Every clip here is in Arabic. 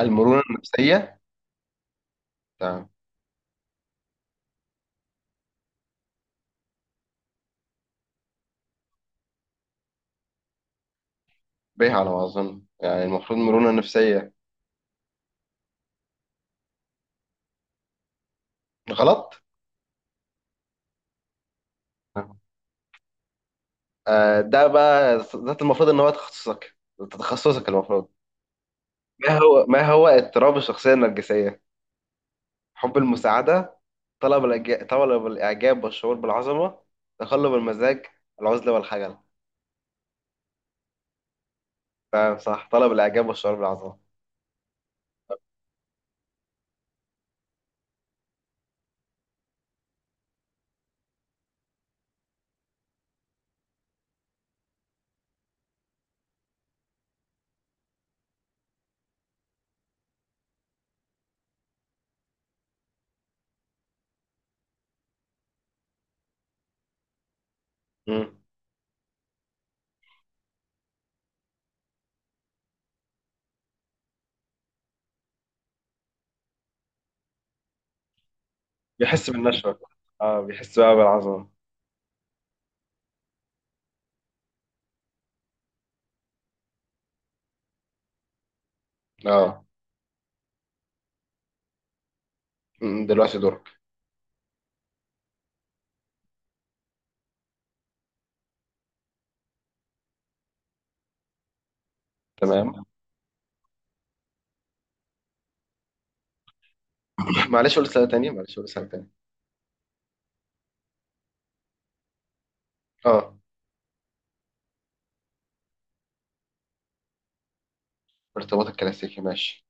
المرونة النفسية. تمام. به على ما أظن، يعني المفروض مرونة نفسية. غلط. تمام. ده بقى ده المفروض إن هو تخصصك ده تخصصك المفروض. ما هو اضطراب الشخصية النرجسية؟ حب المساعدة، طلب الإعجاب، طلب الإعجاب والشعور بالعظمة، تقلب المزاج، العزلة والخجل. تمام، صح، طلب الإعجاب والشعور بالعظمة. مم. بيحس بالنشوة. اه، بيحس بقى بالعظمة. اه. دلوقتي دورك. تمام. معلش قول سؤال تاني. اه. ارتباط الكلاسيكي ماشي.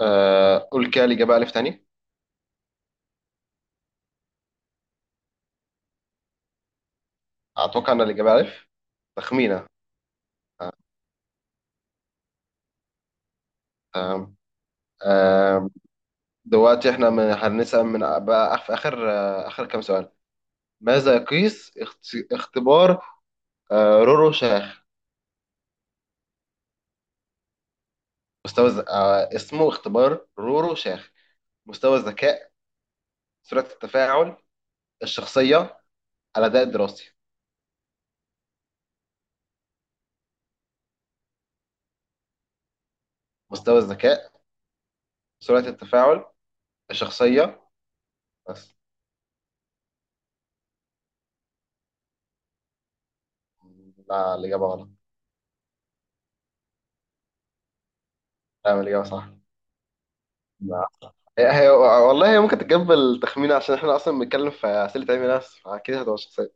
قول كده الإجابة ألف تاني. أتوقع إن الإجابة ألف. تخمينة. آه آه دلوقتي إحنا من هنسأل، من بقى في آخر كام سؤال. ماذا يقيس اختبار رورو شاخ؟ مستوى الز- آه اسمه اختبار رورو شاخ. مستوى الذكاء، سرعة التفاعل، الشخصية، الأداء الدراسي. مستوى الذكاء، سرعة التفاعل، الشخصية، بس. لا، الإجابة غلط. لا، الإجابة صح. هي والله هي ممكن تتقبل تخمينه، عشان احنا اصلا بنتكلم في اسئله علم نفس، فاكيد هتبقى شخصيه.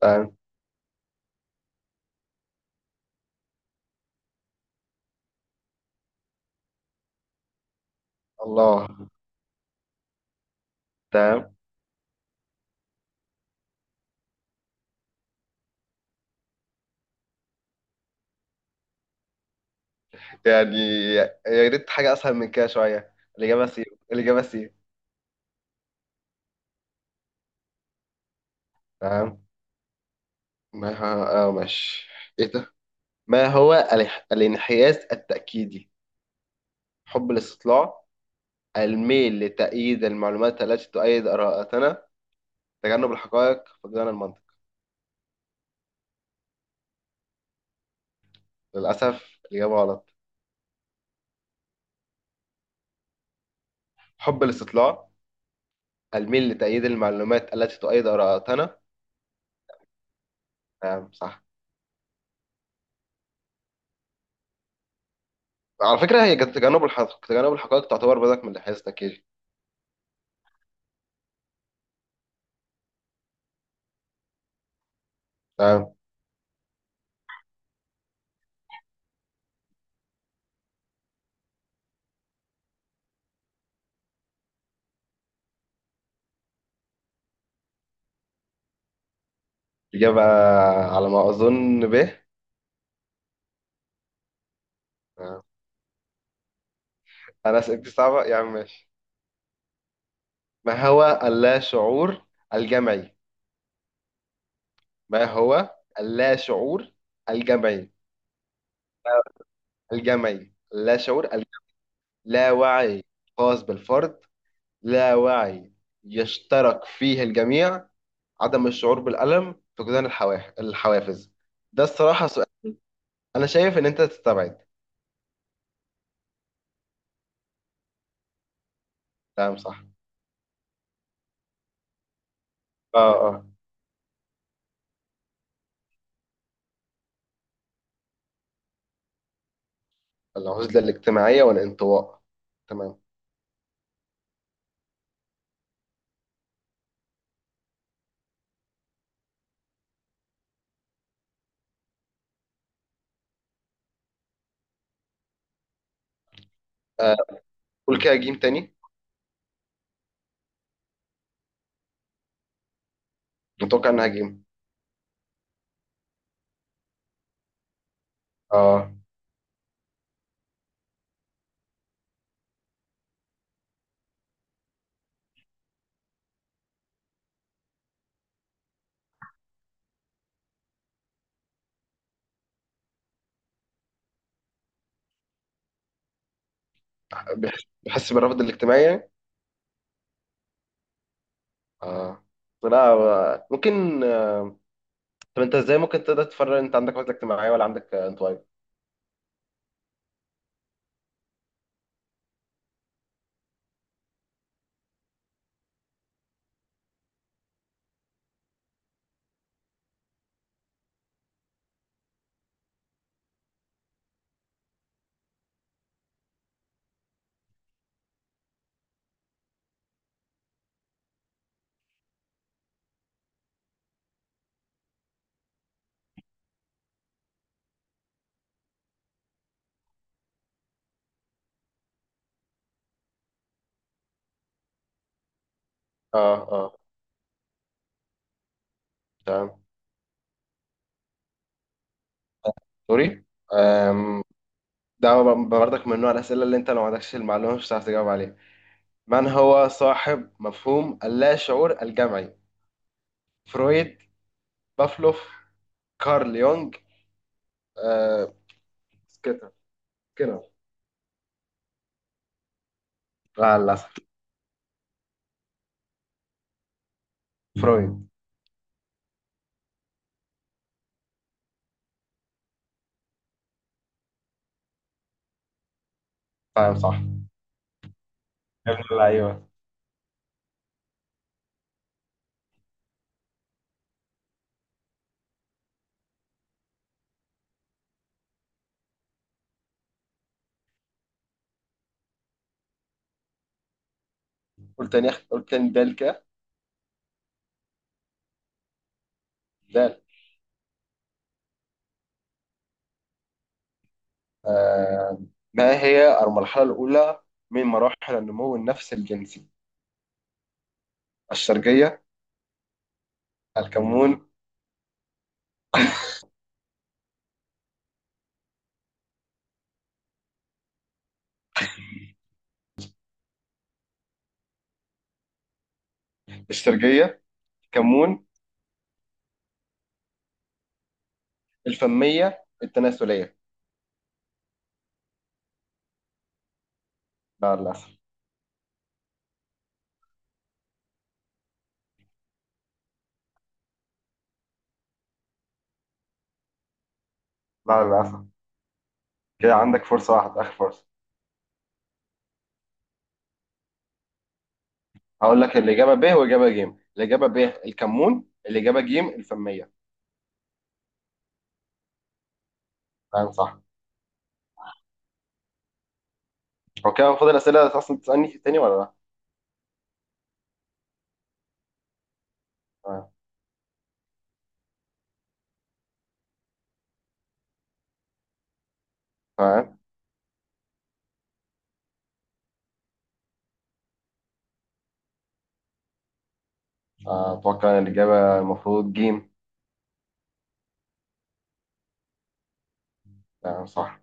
تمام. الله. تمام. يعني يا ريت حاجه اسهل من كده شويه، الاجابه سي. الاجابه سي. تمام. ما هو اه ماشي. ايه ده. ما هو الانحياز التاكيدي؟ حب الاستطلاع، الميل لتأييد المعلومات التي تؤيد آراءتنا، تجنب الحقائق، فقدان المنطق. للأسف الإجابة غلط. حب الاستطلاع، الميل لتأييد المعلومات التي تؤيد آراءتنا. نعم صح. على فكرة هي تجنب الحقائق، تجنب الحقائق تعتبر بدك من حيث تكيل. نعم. إجابة على ما أظن به. نعم. أنا أسئلتي صعبة يا عم، ماشي. ما هو اللا شعور الجمعي؟ ما هو اللا شعور الجمعي؟ الجمعي. لا شعور الجمعي. لا وعي خاص بالفرد، لا وعي يشترك فيه الجميع، عدم الشعور بالألم، فقدان الحوافز. ده الصراحة سؤال. أنا شايف إن أنت تستبعد. تمام صح. اه، اه. العزلة الاجتماعية والانطواء. تمام. آه قول كده جيم تاني. متوقع انها جيم. اه، بيحس بالرفض الاجتماعي يعني. اه. لا، ممكن. طب انت ازاي ممكن تقدر تفرق، انت عندك عزلة اجتماعية ولا عندك انطوائي؟ اه، اه. تمام. سوري. آم، ده برضك من نوع الأسئلة اللي أنت لو ما عندكش المعلومة مش هتعرف تجاوب عليها. من هو صاحب مفهوم اللا شعور الجمعي؟ فرويد، بافلوف، كارل يونغ، آه، سكينر. سكينر. لا للأسف. فرويد. فاهم صح. يا ابن اللعيبه. قلت تاني، قلت تاني، دال كده. دال. آه. ما هي المرحلة الأولى من مراحل النمو النفسي الجنسي؟ الشرجية، الكمون. الشرجية، الكمون، الفمية، التناسلية. لا للأسف. لا للأسف. كده عندك فرصة واحدة، آخر فرصة. هقول لك الإجابة ب وإجابة ج. الإجابة ب الكمون، الإجابة ج الفمية. تمام صح. هو كده المفروض الأسئلة أصلا تسألني تاني ولا لا؟ تمام. أتوقع إن الإجابة المفروض جيم. صح.